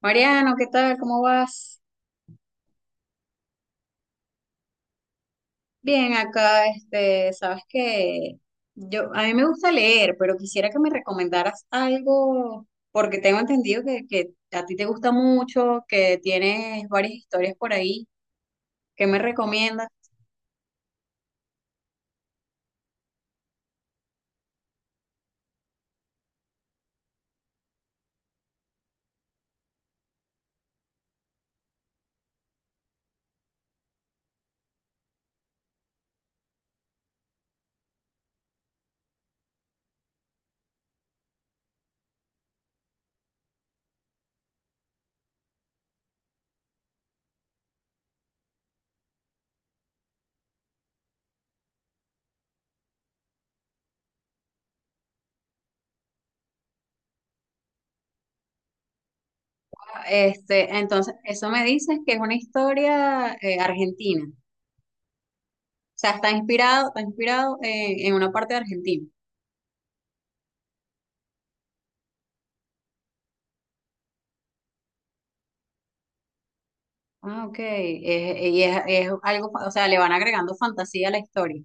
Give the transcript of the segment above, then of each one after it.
Mariano, ¿qué tal? ¿Cómo vas? Bien, acá, sabes que a mí me gusta leer, pero quisiera que me recomendaras algo, porque tengo entendido que a ti te gusta mucho, que tienes varias historias por ahí. ¿Qué me recomiendas? Entonces, eso me dices que es una historia argentina. O sea, está inspirado en una parte de Argentina. Ah, ok. Y es algo, o sea, le van agregando fantasía a la historia.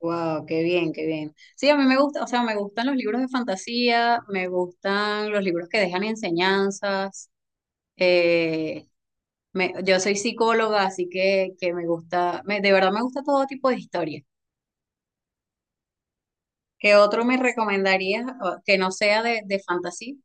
Wow, qué bien, qué bien. Sí, a mí me gusta, o sea, me gustan los libros de fantasía, me gustan los libros que dejan enseñanzas. eh, yo soy psicóloga, así que me gusta, de verdad me gusta todo tipo de historia. ¿Qué otro me recomendarías o, que no sea de fantasía?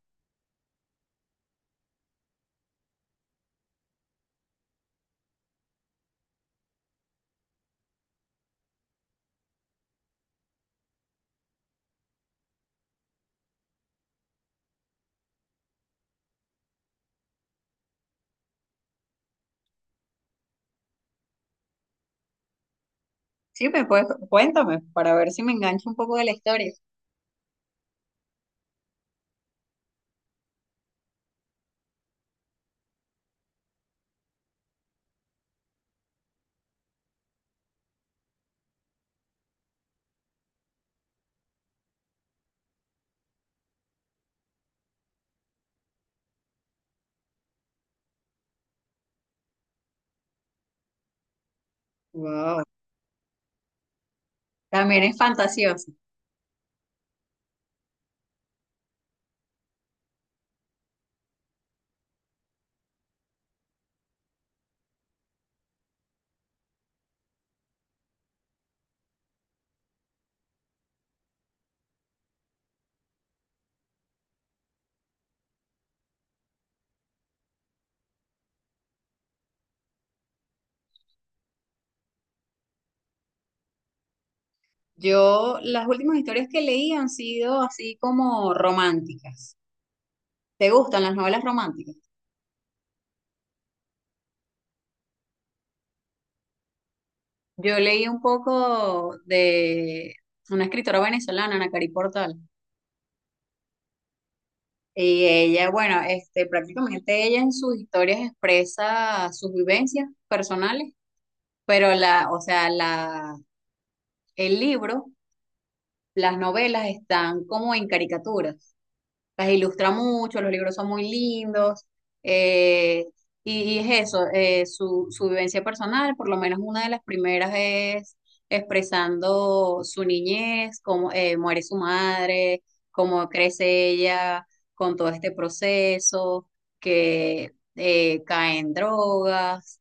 Sí, me puedes, cuéntame para ver si me engancho un poco de la historia. Wow, también es fantasioso. Yo, las últimas historias que leí han sido así como románticas. ¿Te gustan las novelas románticas? Yo leí un poco de una escritora venezolana, Ana Cari Portal, y ella, bueno, prácticamente ella en sus historias expresa sus vivencias personales, pero o sea, el libro, las novelas están como en caricatura. Las ilustra mucho, los libros son muy lindos, eh, y es eso, su vivencia personal. Por lo menos una de las primeras es expresando su niñez, cómo muere su madre, cómo crece ella con todo este proceso, que cae en drogas,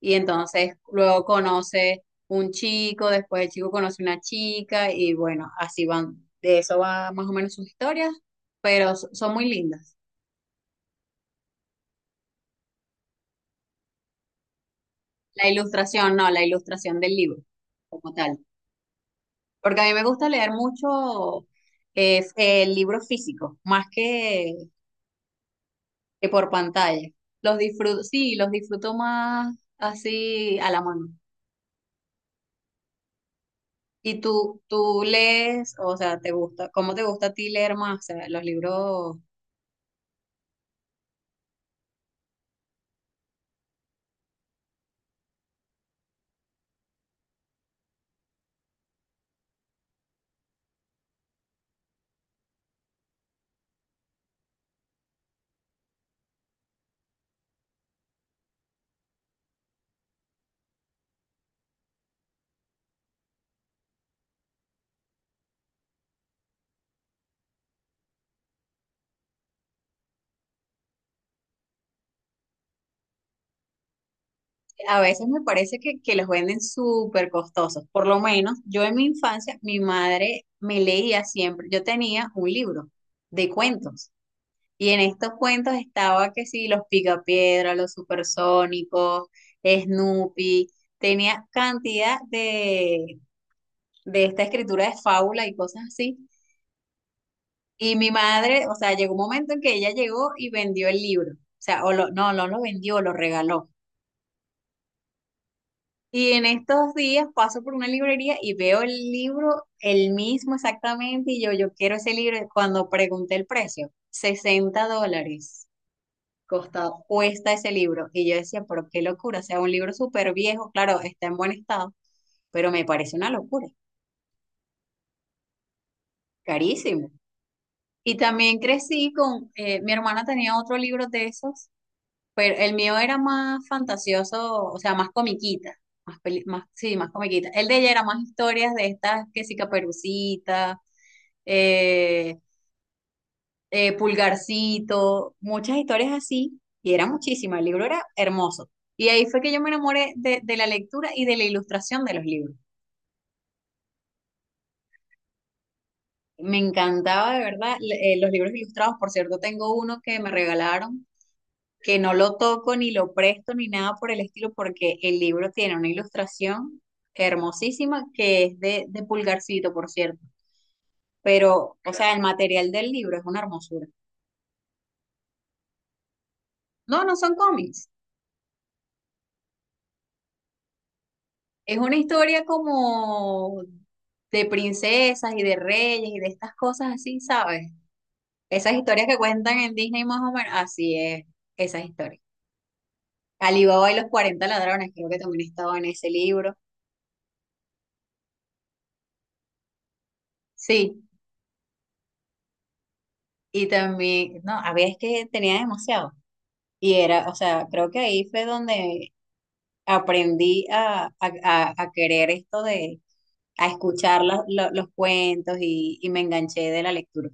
y entonces luego conoce un chico, después el chico conoce una chica y bueno, así van, de eso va más o menos sus historias, pero son muy lindas. La ilustración, no, la ilustración del libro como tal, porque a mí me gusta leer mucho el libro físico más que por pantalla. Los disfruto, sí, los disfruto más así a la mano. ¿Y tú lees, o sea, te gusta, cómo te gusta a ti leer más, o sea, los libros? A veces me parece que los venden súper costosos. Por lo menos yo en mi infancia, mi madre me leía siempre. Yo tenía un libro de cuentos y en estos cuentos estaba que sí, los Picapiedra, los Supersónicos, Snoopy. Tenía cantidad de esta escritura de fábula y cosas así. Y mi madre, o sea, llegó un momento en que ella llegó y vendió el libro. O sea, no, no lo vendió, lo regaló. Y en estos días paso por una librería y veo el libro, el mismo exactamente, y yo quiero ese libro. Cuando pregunté el precio, 60 dólares costa, cuesta ese libro. Y yo decía, pero qué locura, o sea, un libro súper viejo, claro, está en buen estado, pero me parece una locura, carísimo. Y también crecí con, mi hermana tenía otro libro de esos. Pero el mío era más fantasioso, o sea, más comiquita, más, más sí, más comiquita. El de ella era más historias de estas, que sí, Caperucita, eh, Pulgarcito, muchas historias así, y era muchísima, el libro era hermoso. Y ahí fue que yo me enamoré de la lectura y de la ilustración de los libros. Me encantaba de verdad los libros ilustrados, por cierto, tengo uno que me regalaron que no lo toco ni lo presto ni nada por el estilo, porque el libro tiene una ilustración hermosísima que es de Pulgarcito, por cierto. Pero, o sea, el material del libro es una hermosura. No, no son cómics. Es una historia como de princesas y de reyes y de estas cosas así, ¿sabes? Esas historias que cuentan en Disney más o menos, así es, esas historias. Alibaba y los 40 ladrones, creo que también estaba en ese libro. Sí, y también, no, había es que tenía demasiado. Y era, o sea, creo que ahí fue donde aprendí a, a querer esto de, a escuchar los cuentos y me enganché de la lectura.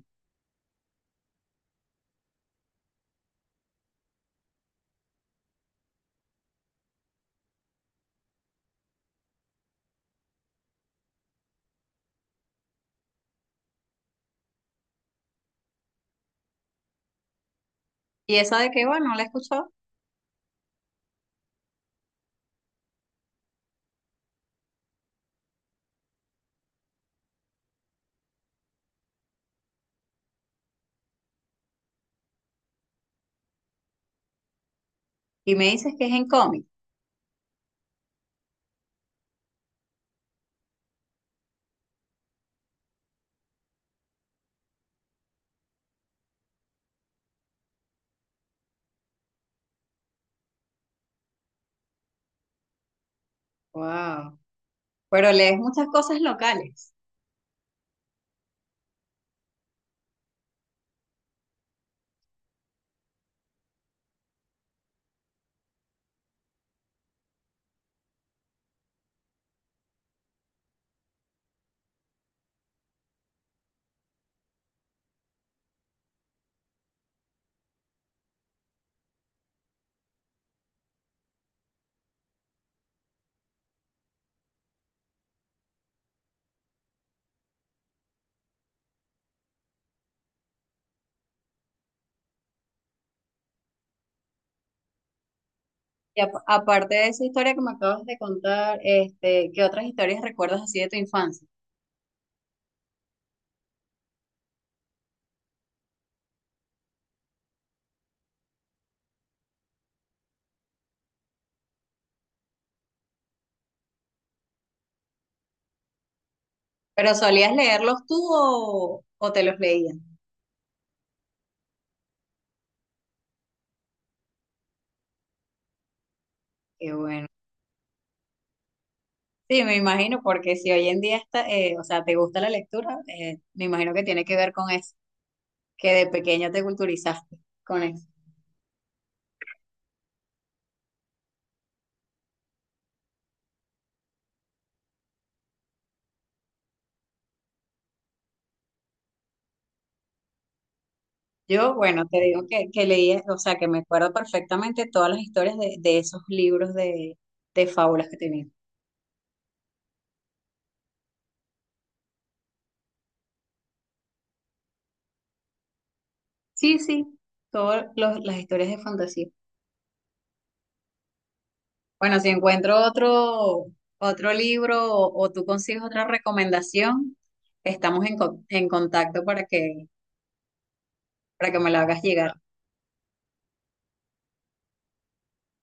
Y esa de que, bueno, la he escuchado y me dices que es en cómic. Wow. Pero lees muchas cosas locales. Y aparte de esa historia que me acabas de contar, ¿qué otras historias recuerdas así de tu infancia? ¿Pero solías leerlos tú o te los leían? Qué bueno. Sí, me imagino, porque si hoy en día está, o sea, te gusta la lectura, me imagino que tiene que ver con eso, que de pequeño te culturizaste con eso. Yo, bueno, te digo que leí, o sea, que me acuerdo perfectamente todas las historias de esos libros de fábulas que tenía. Sí, sí, las historias de fantasía. Bueno, si encuentro otro, otro libro o tú consigues otra recomendación, estamos en, en contacto para que me la hagas llegar.